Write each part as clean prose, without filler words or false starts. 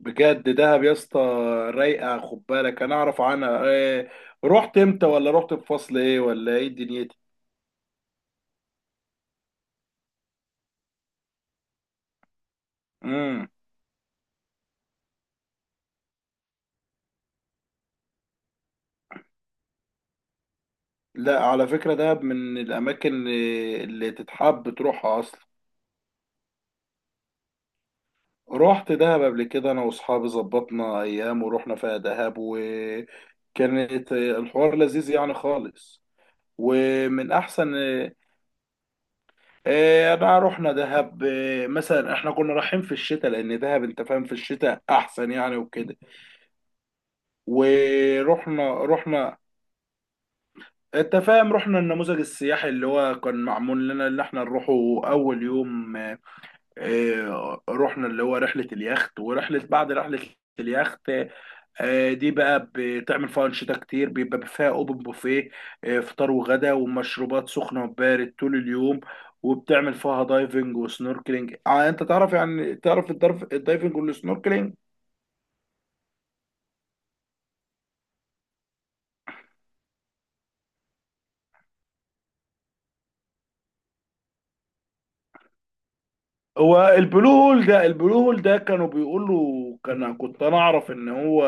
بجد دهب يا اسطى، رايقه. خد بالك، انا اعرف عنها إيه. رحت امتى؟ ولا رحت في فصل ايه؟ ولا ايه دنيتي؟ امم. لا، على فكره، دهب من الاماكن اللي تتحب تروحها اصلا. رحت دهب قبل كده، انا واصحابي ظبطنا ايام ورحنا فيها دهب، وكانت الحوار لذيذ يعني خالص ومن احسن. إيه، انا رحنا دهب، إيه مثلا احنا كنا رايحين في الشتاء، لان دهب انت فاهم في الشتاء احسن يعني وكده، ورحنا. انت فاهم، رحنا النموذج السياحي اللي هو كان معمول لنا، اللي احنا نروحه. اول يوم رحنا اللي هو رحلة اليخت، ورحلة بعد رحلة اليخت. اه، دي بقى بتعمل فيها انشطة كتير، بيبقى فيها اوبن بوفيه، اه، فطار وغدا ومشروبات سخنة وبارد طول اليوم. وبتعمل فيها دايفنج وسنوركلينج. اه، انت تعرف، يعني تعرف الدايفنج والسنوركلينج. هو البلو هول ده، كانوا بيقولوا، كنت انا اعرف ان هو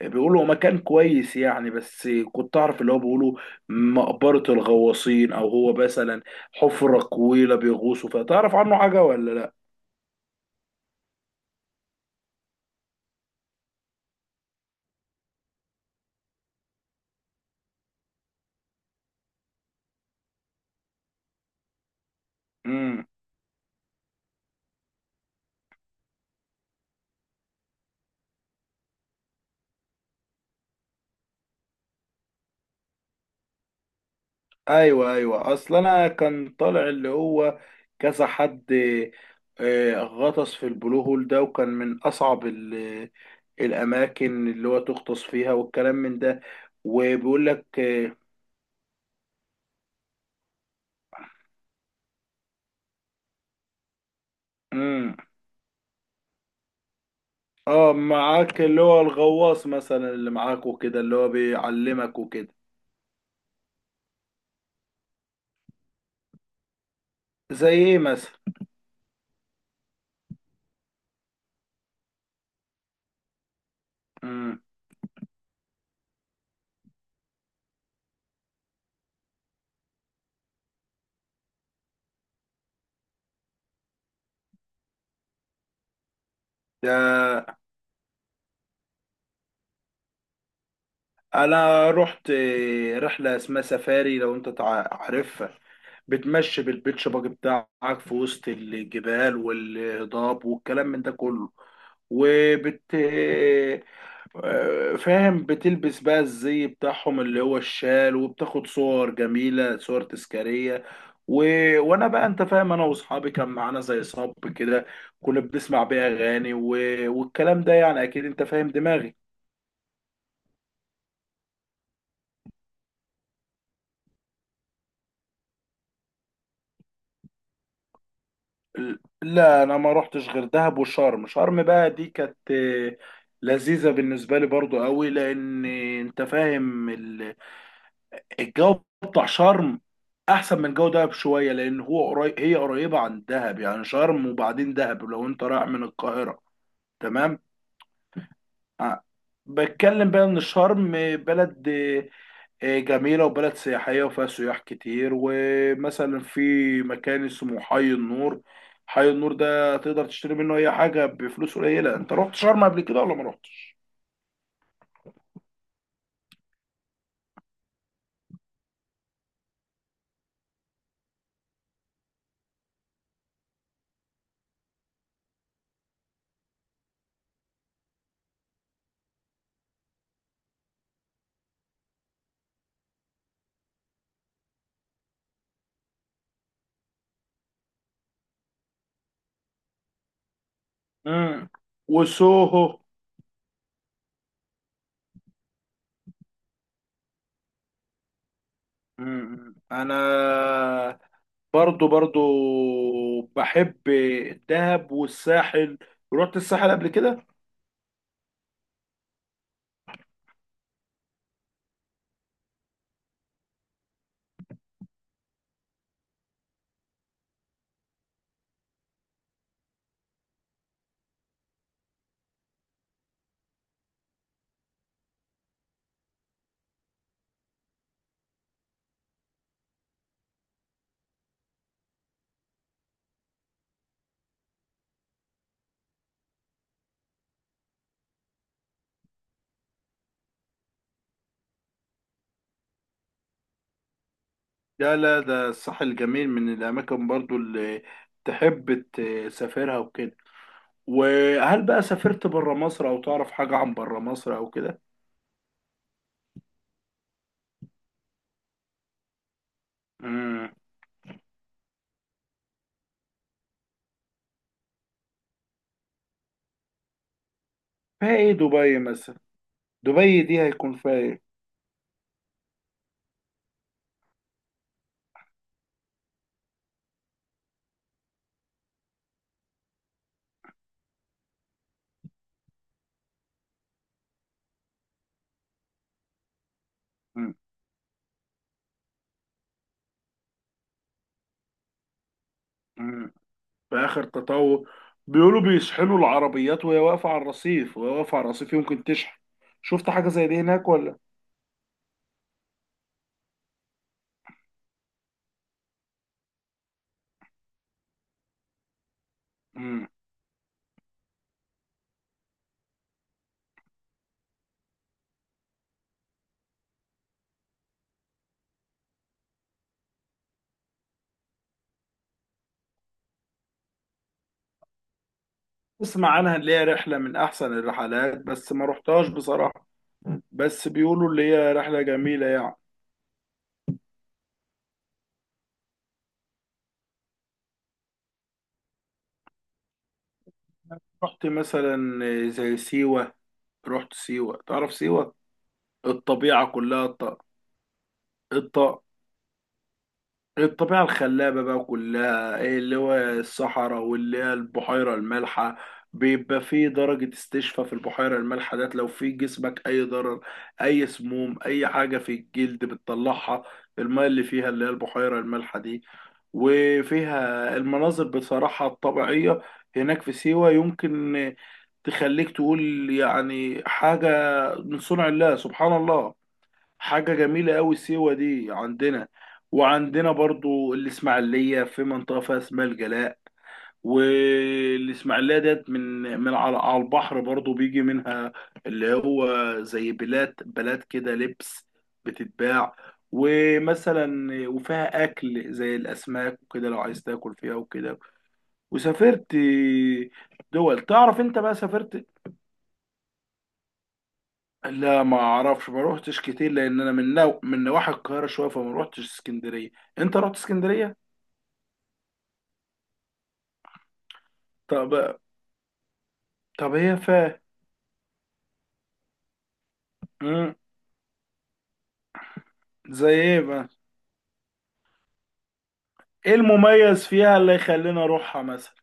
بيقولوا مكان كويس يعني، بس كنت اعرف اللي هو بيقولوا مقبرة الغواصين، او هو مثلا حفرة طويلة بيغوصوا فيها. تعرف عنه حاجة ولا لا؟ امم. ايوه، ايوه، اصل انا كان طالع اللي هو كذا حد غطس في البلو هول ده، وكان من اصعب الاماكن اللي هو تغطس فيها والكلام من ده. وبيقول لك. اه، معاك اللي هو الغواص مثلا اللي معاك وكده، اللي هو بيعلمك وكده. زي ايه مثلا؟ امم. ده انا رحت رحله اسمها سفاري، لو انت عارفها. بتمشي بالبيتش باجي بتاعك في وسط الجبال والهضاب والكلام من ده كله. وبت... فاهم، بتلبس بقى الزي بتاعهم اللي هو الشال، وبتاخد صور جميلة، صور تذكارية و... وانا بقى انت فاهم، انا واصحابي كان معانا زي صب كده، كنا بنسمع بيه اغاني والكلام ده، يعني اكيد انت فاهم دماغي. لا، انا ما روحتش غير دهب وشرم. شرم بقى دي كانت لذيذة بالنسبة لي برضو قوي، لان انت فاهم الجو بتاع شرم احسن من جو دهب شويه، لان هو قريب، هي قريبه عن دهب يعني، شرم وبعدين دهب لو انت رايح من القاهره. تمام. آه. بتكلم بقى ان شرم بلد جميله، وبلد سياحيه، وفيها سياح كتير، ومثلا في مكان اسمه حي النور. حي النور ده تقدر تشتري منه اي حاجه بفلوس قليله. انت رحت شرم قبل كده ولا ما رحتش؟ امم. وسوهو. امم، انا برضو بحب الدهب والساحل. رحت الساحل قبل كده؟ لا، لا، ده الساحل جميل، من الاماكن برضو اللي تحب تسافرها وكده. وهل بقى سافرت بره مصر او تعرف حاجة عن بره مصر او كده؟ امم. فيها ايه دبي مثلا؟ دبي دي هيكون فيها ايه؟ مم. مم. في اخر تطور بيقولوا بيشحنوا العربيات وهي واقفة على الرصيف، يمكن تشحن. شفت حاجة زي دي هناك ولا؟ مم. اسمع عنها اللي هي رحلة من أحسن الرحلات، بس ما رحتهاش بصراحة، بس بيقولوا اللي هي رحلة جميلة يعني. رحت مثلا زي سيوة. رحت سيوة؟ تعرف سيوة؟ الطبيعة كلها الط... الطبيعة الخلابة بقى كلها، إيه اللي هو الصحراء، واللي هي البحيرة المالحة. بيبقى فيه درجة استشفاء في البحيرة المالحة ديت، لو في جسمك أي ضرر، أي سموم، أي حاجة في الجلد بتطلعها الماء اللي فيها اللي هي البحيرة المالحة دي. وفيها المناظر بصراحة الطبيعية هناك في سيوة، يمكن تخليك تقول يعني حاجة من صنع الله، سبحان الله. حاجة جميلة أوي سيوة دي عندنا. وعندنا برضو الإسماعيلية، في منطقة فيها اسمها الجلاء. والإسماعيلية ديت من على البحر برضو بيجي منها اللي هو زي بلاد بلاد كده، لبس بتتباع. ومثلا وفيها أكل زي الأسماك وكده، لو عايز تاكل فيها وكده. وسافرت دول، تعرف أنت بقى سافرت؟ لا، ما اعرفش، ما روحتش كتير لان انا من من نواحي القاهره شويه، فما روحتش اسكندريه. انت رحت اسكندريه؟ طب. طب، هي فا... مم. زي ايه بقى؟ ايه المميز فيها اللي يخلينا اروحها مثلا؟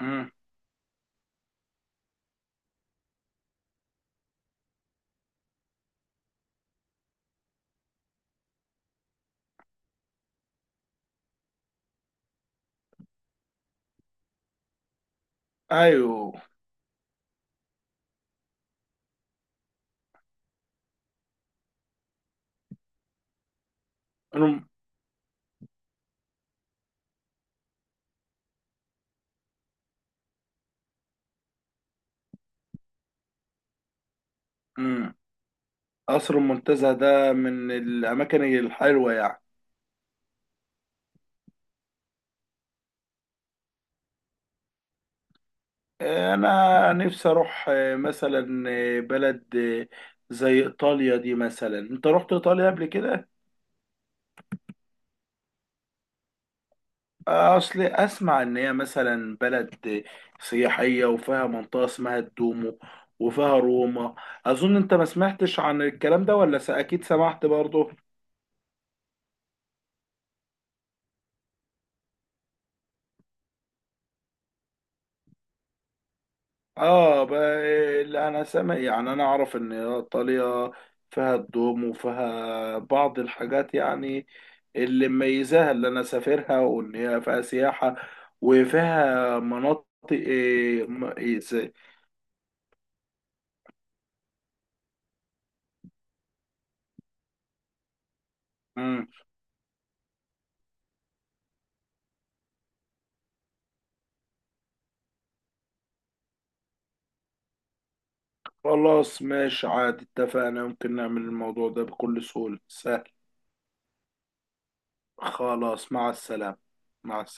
مم. ايوه. الم- مم. قصر المنتزه ده من الاماكن الحلوه يعني. انا نفسي اروح مثلا بلد زي ايطاليا دي مثلا. انت رحت ايطاليا قبل كده؟ اصل اسمع ان هي مثلا بلد سياحيه، وفيها منطقه اسمها الدومو، وفيها روما. اظن انت ما سمعتش عن الكلام ده، ولا اكيد سمعت برضه؟ اه، اللي انا سامع يعني، انا اعرف ان ايطاليا فيها الدومو وفيها بعض الحاجات يعني، اللي مميزاها اللي انا سافرها وان هي فيها سياحه، وفيها مناطق إيه، إيه، خلاص ماشي عادي، اتفقنا، ممكن نعمل الموضوع ده بكل سهولة، سهل. خلاص، مع السلامة. مع السلامة.